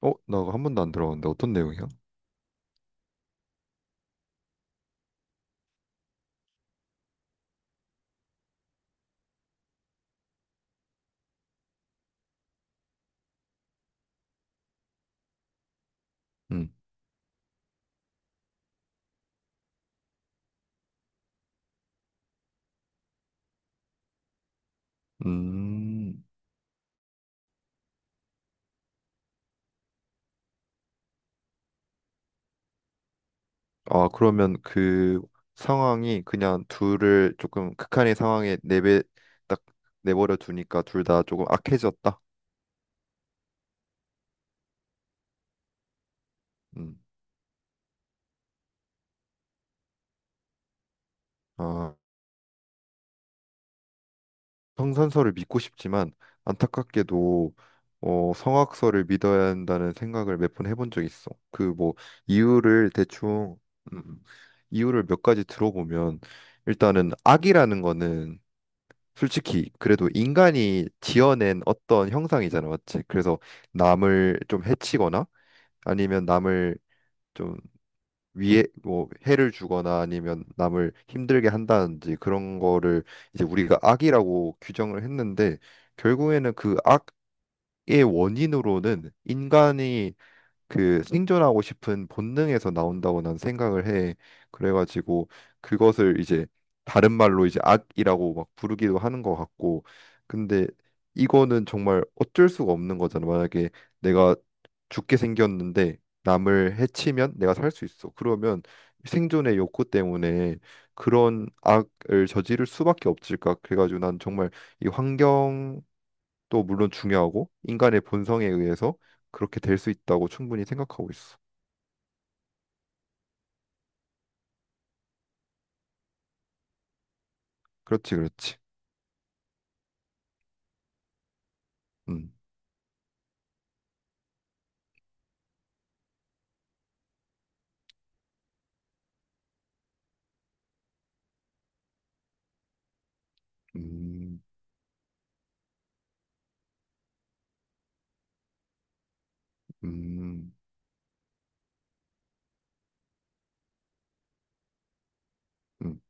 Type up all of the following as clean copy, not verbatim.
어, 나 한 번도 안 들어봤는데 어떤 내용이야? 음. 음. 아, 그러면 그 상황이 그냥 둘을 조금 극한의 상황에 내배 딱 내버려 두니까 둘 다 조금 악해졌다. 음. 아, 성선설을 믿고 싶지만 안타깝게도 성악설을 믿어야 한다는 생각을 몇 번 해본 적 있어. 그 뭐 이유를 대충 음, 이유를 몇 가지 들어보면 일단은 악이라는 거는 솔직히 그래도 인간이 지어낸 어떤 형상이잖아, 맞지? 그래서 남을 좀 해치거나 아니면 남을 좀 위해 뭐 해를 주거나 아니면 남을 힘들게 한다든지 그런 거를 이제 우리가 악이라고 규정을 했는데 결국에는 그 악의 원인으로는 인간이 그 생존하고 싶은 본능에서 나온다고 난 생각을 해. 그래가지고 그것을 이제 다른 말로 이제 악이라고 막 부르기도 하는 것 같고. 근데 이거는 정말 어쩔 수가 없는 거잖아. 만약에 내가 죽게 생겼는데 남을 해치면 내가 살 수 있어. 그러면 생존의 욕구 때문에 그런 악을 저지를 수밖에 없을까. 그래가지고 난 정말 이 환경 또 물론 중요하고 인간의 본성에 의해서 그렇게 될 수 있다고 충분히 생각하고 있어. 그렇지, 그렇지. 음. 음. 음. 음.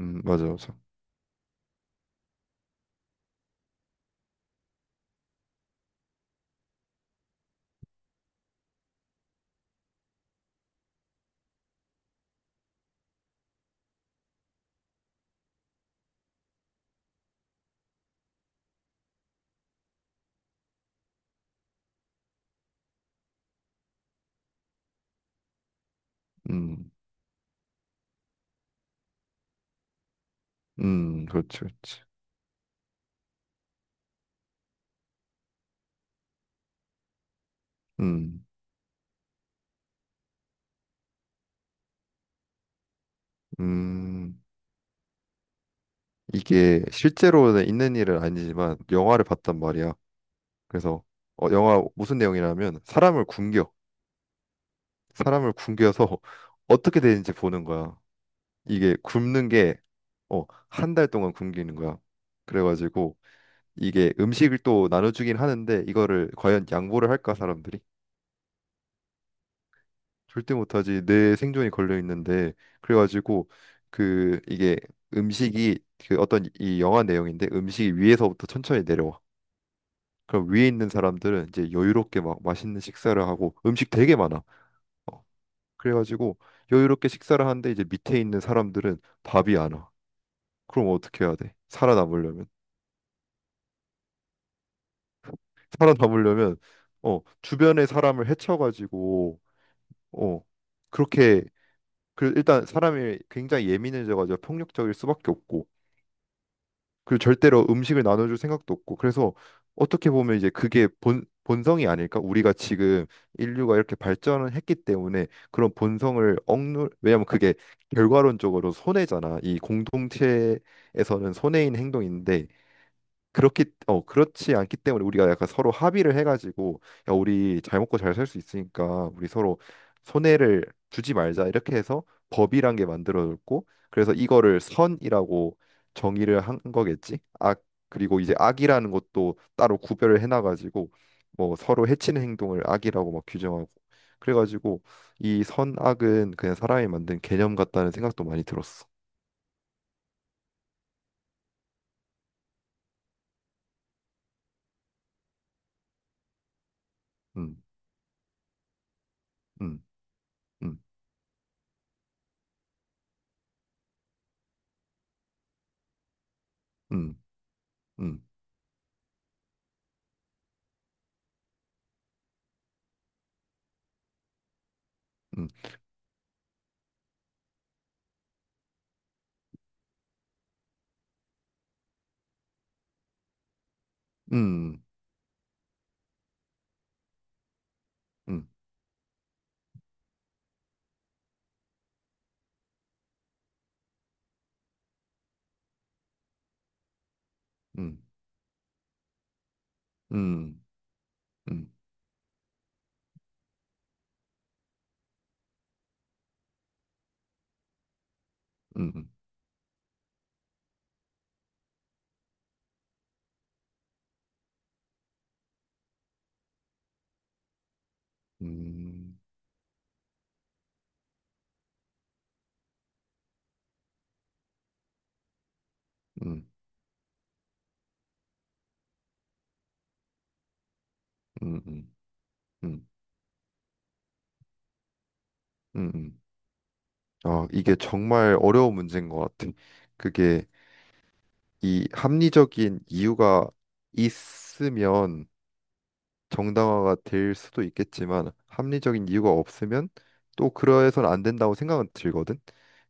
음. 맞아, 맞아. 음. 음. 그렇지, 그렇지. 음. 음. 이게 실제로는 있는 일은 아니지만 영화를 봤단 말이야. 그래서 영화 무슨 내용이냐면 사람을 굶겨, 사람을 굶겨서 어떻게 되는지 보는 거야. 이게 굶는 게 어, 한 달 동안 굶기는 거야. 그래가지고 이게 음식을 또 나눠주긴 하는데 이거를 과연 양보를 할까 사람들이? 절대 못하지. 내 생존이 걸려 있는데 그래가지고 그 이게 음식이 그 어떤 이 영화 내용인데 음식이 위에서부터 천천히 내려와. 그럼 위에 있는 사람들은 이제 여유롭게 막 맛있는 식사를 하고 음식 되게 많아. 어. 그래가지고 여유롭게 식사를 하는데 이제 밑에 있는 사람들은 밥이 안 와. 그럼 어떻게 해야 돼? 살아남으려면 살아남으려면 주변의 사람을 해쳐가지고 어, 그렇게 그 일단 사람이 굉장히 예민해져가지고 폭력적일 수밖에 없고 그리고 절대로 음식을 나눠줄 생각도 없고 그래서 어떻게 보면 이제 그게 본 본성이 아닐까? 우리가 지금 인류가 이렇게 발전을 했기 때문에 그런 본성을 억누 왜냐면 그게 결과론적으로 손해잖아. 이 공동체에서는 손해인 행동인데 그렇기 그렇지 않기 때문에 우리가 약간 서로 합의를 해가지고 야 우리 잘 먹고 잘 살 수 있으니까 우리 서로 손해를 주지 말자 이렇게 해서 법이란 게 만들어졌고 그래서 이거를 선이라고 정의를 한 거겠지. 악 그리고 이제 악이라는 것도 따로 구별을 해놔가지고 뭐 서로 해치는 행동을 악이라고 막 규정하고 그래가지고 이 선악은 그냥 사람이 만든 개념 같다는 생각도 많이 들었어. 음. 음. 음. 음. 음. 음. 음. 음. 음. 음. 음. 음. 음. 음. 음. 음. 음. 음. 음. 아, 이게 정말 어려운 문제인 것 같아. 그게 이 합리적인 이유가 있으면 정당화가 될 수도 있겠지만 합리적인 이유가 없으면 또 그러해서는 안 된다고 생각은 들거든.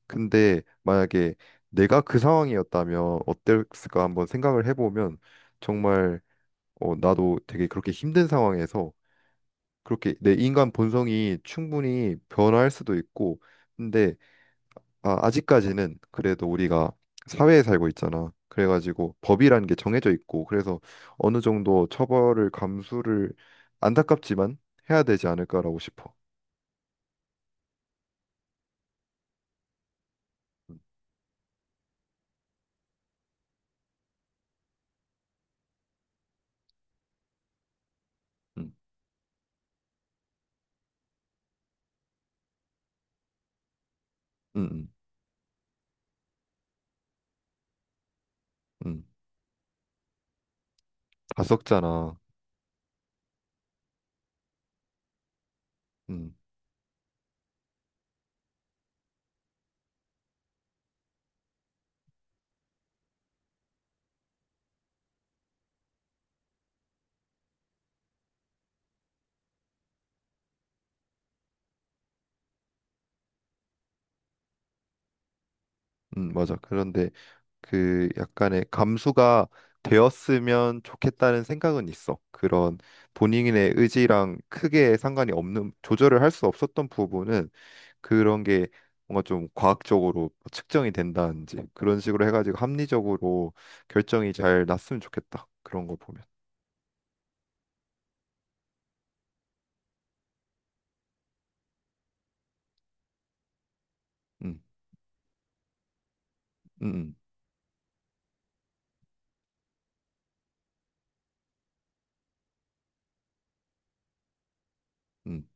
근데 만약에 내가 그 상황이었다면 어땠을까 한번 생각을 해보면 정말 나도 되게 그렇게 힘든 상황에서 그렇게 내 인간 본성이 충분히 변화할 수도 있고 근데 아, 아직까지는 그래도 우리가 사회에 살고 있잖아. 그래가지고 법이라는 게 정해져 있고 그래서 어느 정도 처벌을 감수를 안타깝지만 해야 되지 않을까라고 싶어. 음. 음. 음. 음. 음. 다 썩잖아. 음. 음. 맞아. 그런데 그 약간의 감수가 되었으면 좋겠다는 생각은 있어. 그런 본인의 의지랑 크게 상관이 없는 조절을 할 수 없었던 부분은 그런 게 뭔가 좀 과학적으로 측정이 된다든지 그런 식으로 해가지고 합리적으로 결정이 잘 났으면 좋겠다. 그런 거 보면. 음. 음. 음.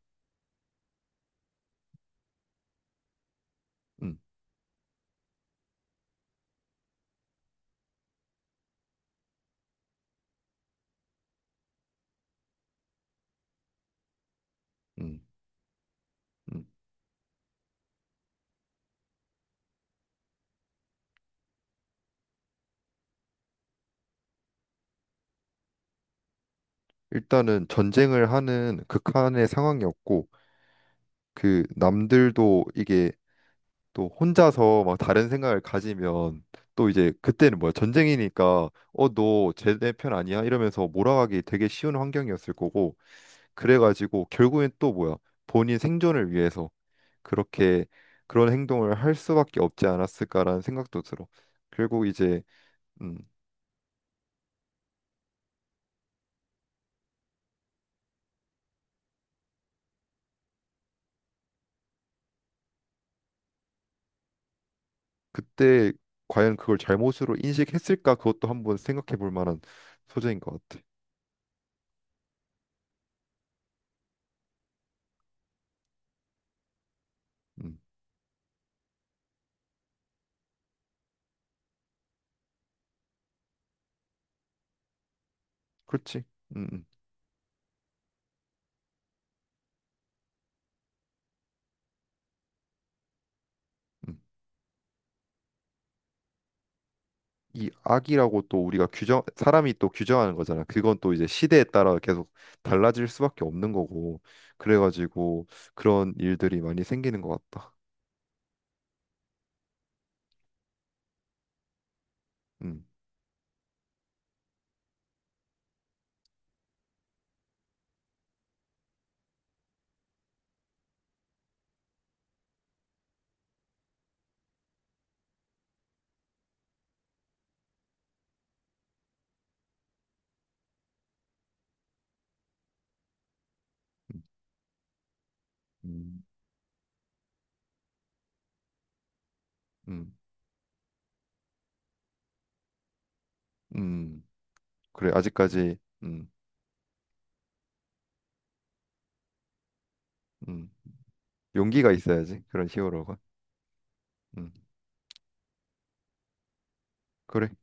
음. 음. 음. 음. 일단은 전쟁을 하는 극한의 상황이었고 그 남들도 이게 또 혼자서 막 다른 생각을 가지면 또 이제 그때는 뭐야 전쟁이니까 어 너 쟤네 편 아니야 이러면서 몰아가기 되게 쉬운 환경이었을 거고 그래가지고 결국엔 또 뭐야 본인 생존을 위해서 그렇게 그런 행동을 할 수밖에 없지 않았을까라는 생각도 들어. 결국 이제 음 그때 과연 그걸 잘못으로 인식했을까 그것도 한번 생각해 볼 만한 소재인 것 같아. 음. 그렇지. 음. 음. 음. 이 악이라고 또 우리가 규정 사람이 또 규정하는 거잖아. 그건 또 이제 시대에 따라 계속 달라질 수밖에 없는 거고 그래가지고 그런 일들이 많이 생기는 것 같다. 음. 음. 음. 음. 그래 아직까지 음. 음. 용기가 있어야지 그런 히어로가. 음. 그래.